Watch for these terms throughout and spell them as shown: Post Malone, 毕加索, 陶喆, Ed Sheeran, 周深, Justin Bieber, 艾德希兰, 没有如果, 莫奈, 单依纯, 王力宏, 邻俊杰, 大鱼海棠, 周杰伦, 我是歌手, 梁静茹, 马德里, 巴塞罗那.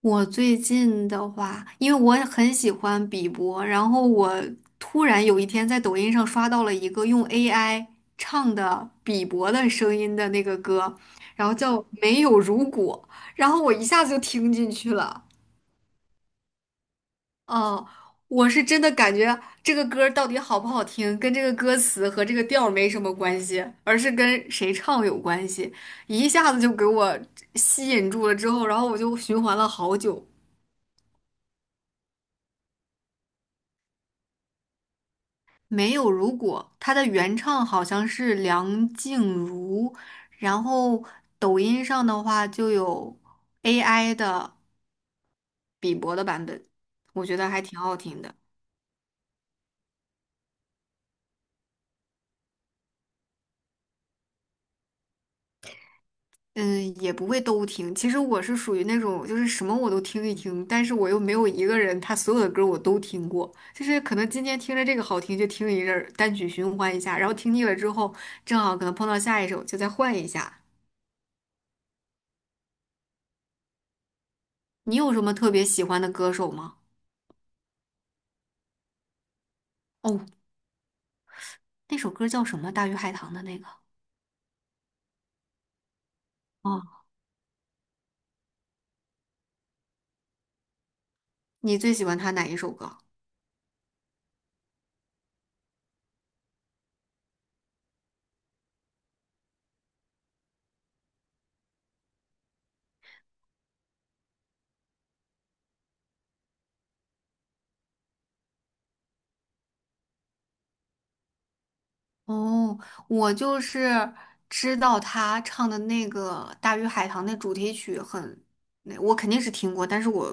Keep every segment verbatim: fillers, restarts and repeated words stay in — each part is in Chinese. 我最近的话，因为我也很喜欢比伯，然后我突然有一天在抖音上刷到了一个用 A I 唱的比伯的声音的那个歌，然后叫《没有如果》，然后我一下子就听进去了。哦，我是真的感觉这个歌儿到底好不好听，跟这个歌词和这个调儿没什么关系，而是跟谁唱有关系，一下子就给我吸引住了。之后，然后我就循环了好久。没有如果，它的原唱好像是梁静茹，然后抖音上的话就有 A I 的比伯的版本，我觉得还挺好听的。嗯，也不会都听。其实我是属于那种就是什么我都听一听，但是我又没有一个人他所有的歌我都听过，就是可能今天听着这个好听就听一阵儿，单曲循环一下，然后听腻了之后，正好可能碰到下一首就再换一下。你有什么特别喜欢的歌手吗？哦，那首歌叫什么？大鱼海棠的那个。哦，你最喜欢他哪一首歌？哦，我就是知道他唱的那个《大鱼海棠》那主题曲很，那我肯定是听过，但是我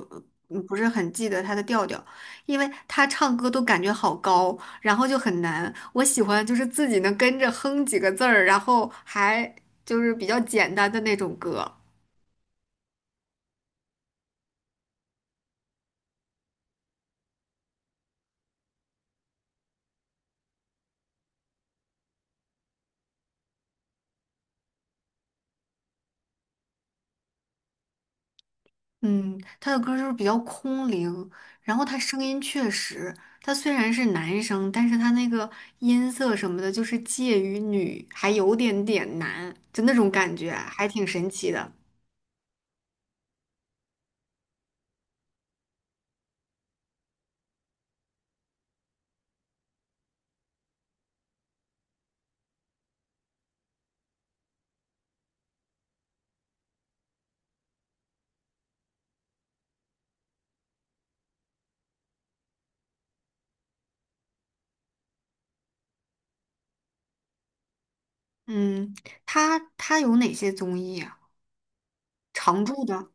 嗯不是很记得他的调调，因为他唱歌都感觉好高，然后就很难。我喜欢就是自己能跟着哼几个字儿，然后还就是比较简单的那种歌。嗯，他的歌就是比较空灵，然后他声音确实，他虽然是男生，但是他那个音色什么的，就是介于女还有点点男，就那种感觉，还挺神奇的。嗯，他他有哪些综艺啊？常驻的？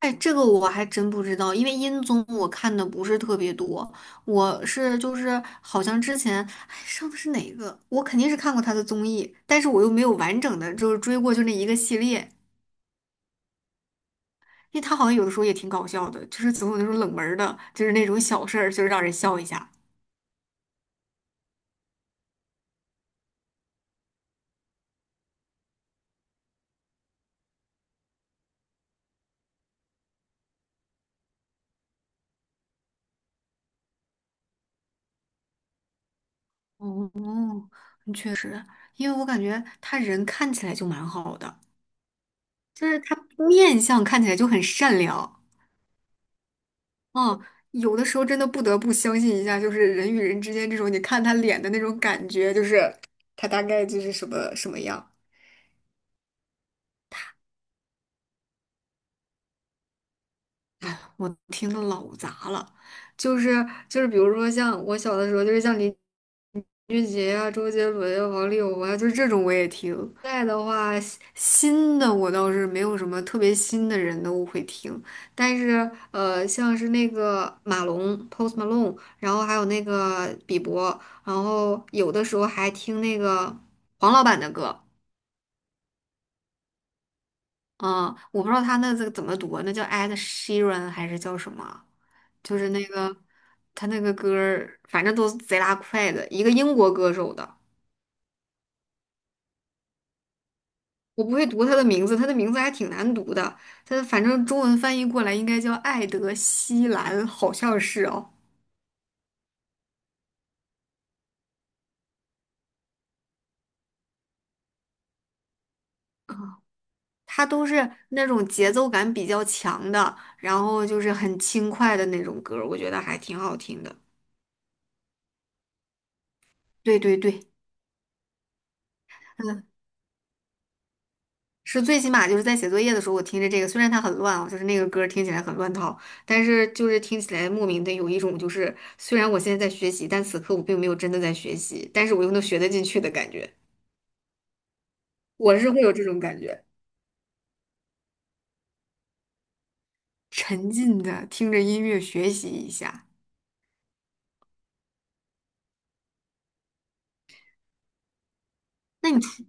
哎，这个我还真不知道，因为音综我看的不是特别多，我是就是好像之前哎上的是哪个，我肯定是看过他的综艺，但是我又没有完整的就是追过就那一个系列。因为他好像有的时候也挺搞笑的，就是总有那种冷门儿的，就是那种小事儿，就是让人笑一下。哦，确实，因为我感觉他人看起来就蛮好的，就是他面相看起来就很善良。嗯，有的时候真的不得不相信一下，就是人与人之间这种，你看他脸的那种感觉，就是他大概就是什么什么样。我听的老杂了，就是就是，比如说像我小的时候，就是像邻俊杰啊，周杰伦呀、王力宏啊，就是这种我也听。现在的话，新新的我倒是没有什么特别新的人都会听，但是呃，像是那个马龙 （Post Malone），然后还有那个比伯，然后有的时候还听那个黄老板的歌。嗯，我不知道他那个怎么读啊那叫 Ed Sheeran 还是叫什么？就是那个他那个歌儿反正都是贼拉快的，一个英国歌手的。我不会读他的名字，他的名字还挺难读的。他的反正中文翻译过来应该叫艾德希兰，好像是哦。他都是那种节奏感比较强的，然后就是很轻快的那种歌儿我觉得还挺好听的。对对对，嗯，是最起码就是在写作业的时候，我听着这个，虽然它很乱啊，就是那个歌儿听起来很乱套，但是就是听起来莫名的有一种就是，虽然我现在在学习，但此刻我并没有真的在学习，但是我又能学得进去的感觉，我是会有这种感觉。沉浸的听着音乐学习一下。那你除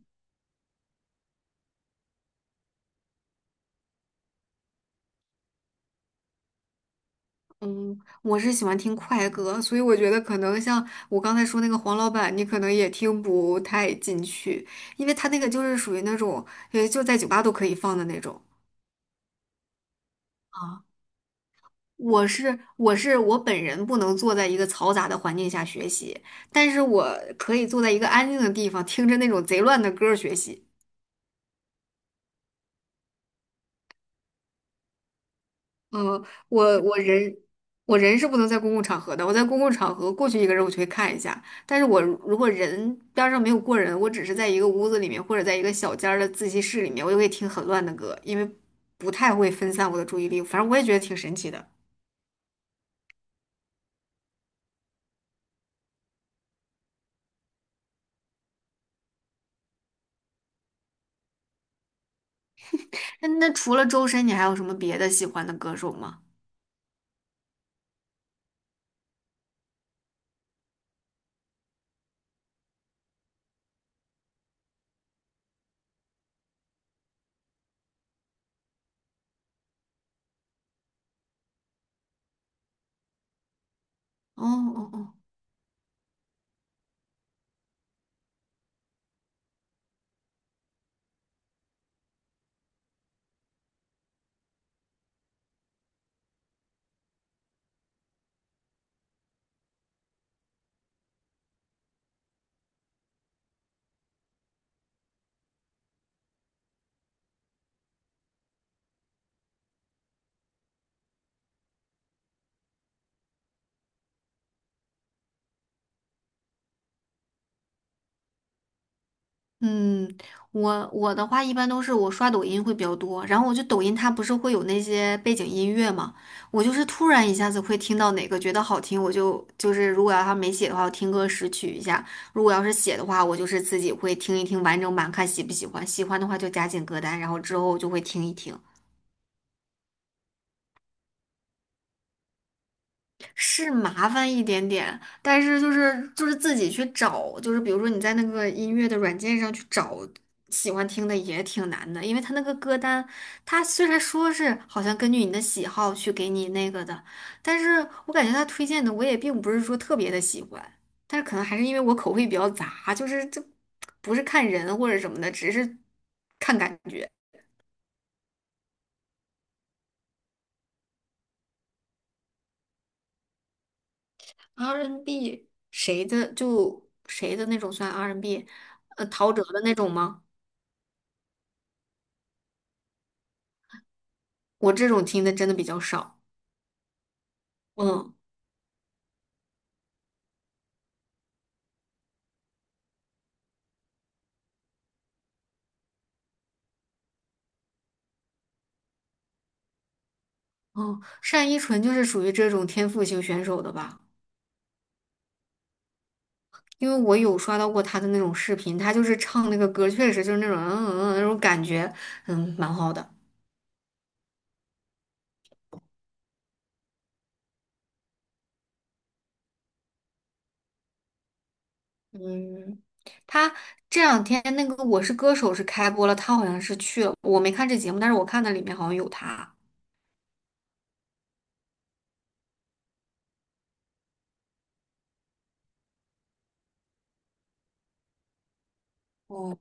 嗯，我是喜欢听快歌，所以我觉得可能像我刚才说那个黄老板，你可能也听不太进去，因为他那个就是属于那种，呃，就在酒吧都可以放的那种。啊，我是我是我本人不能坐在一个嘈杂的环境下学习，但是我可以坐在一个安静的地方，听着那种贼乱的歌儿学习。嗯，我我人我人是不能在公共场合的，我在公共场合过去一个人我就会看一下，但是我如如果人边儿上没有过人，我只是在一个屋子里面或者在一个小间儿的自习室里面，我就会听很乱的歌，因为不太会分散我的注意力，反正我也觉得挺神奇的。那那除了周深，你还有什么别的喜欢的歌手吗？哦哦哦。嗯，我我的话一般都是我刷抖音会比较多，然后我就抖音它不是会有那些背景音乐嘛，我就是突然一下子会听到哪个觉得好听，我就就是如果要它没写的话，我听歌识曲一下；如果要是写的话，我就是自己会听一听完整版，看喜不喜欢，喜欢的话就加进歌单，然后之后就会听一听。是麻烦一点点，但是就是就是自己去找，就是比如说你在那个音乐的软件上去找喜欢听的也挺难的，因为他那个歌单，他虽然说是好像根据你的喜好去给你那个的，但是我感觉他推荐的我也并不是说特别的喜欢，但是可能还是因为我口味比较杂，就是这不是看人或者什么的，只是看感觉。R B n 谁的就谁的那种算 R B，n 呃，陶喆的那种吗？我这种听的真的比较少。嗯，嗯，单依纯就是属于这种天赋型选手的吧？因为我有刷到过她的那种视频，她就是唱那个歌，确实就是那种嗯嗯嗯那种感觉，嗯，蛮好的。嗯，她这两天那个《我是歌手》是开播了，她好像是去了，我没看这节目，但是我看的里面好像有她。哦，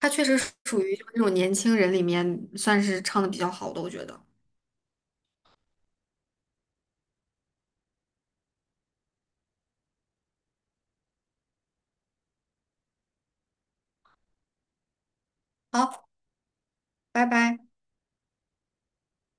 她确实属于就是那种年轻人里面算是唱的比较好的，我觉得。好，拜拜。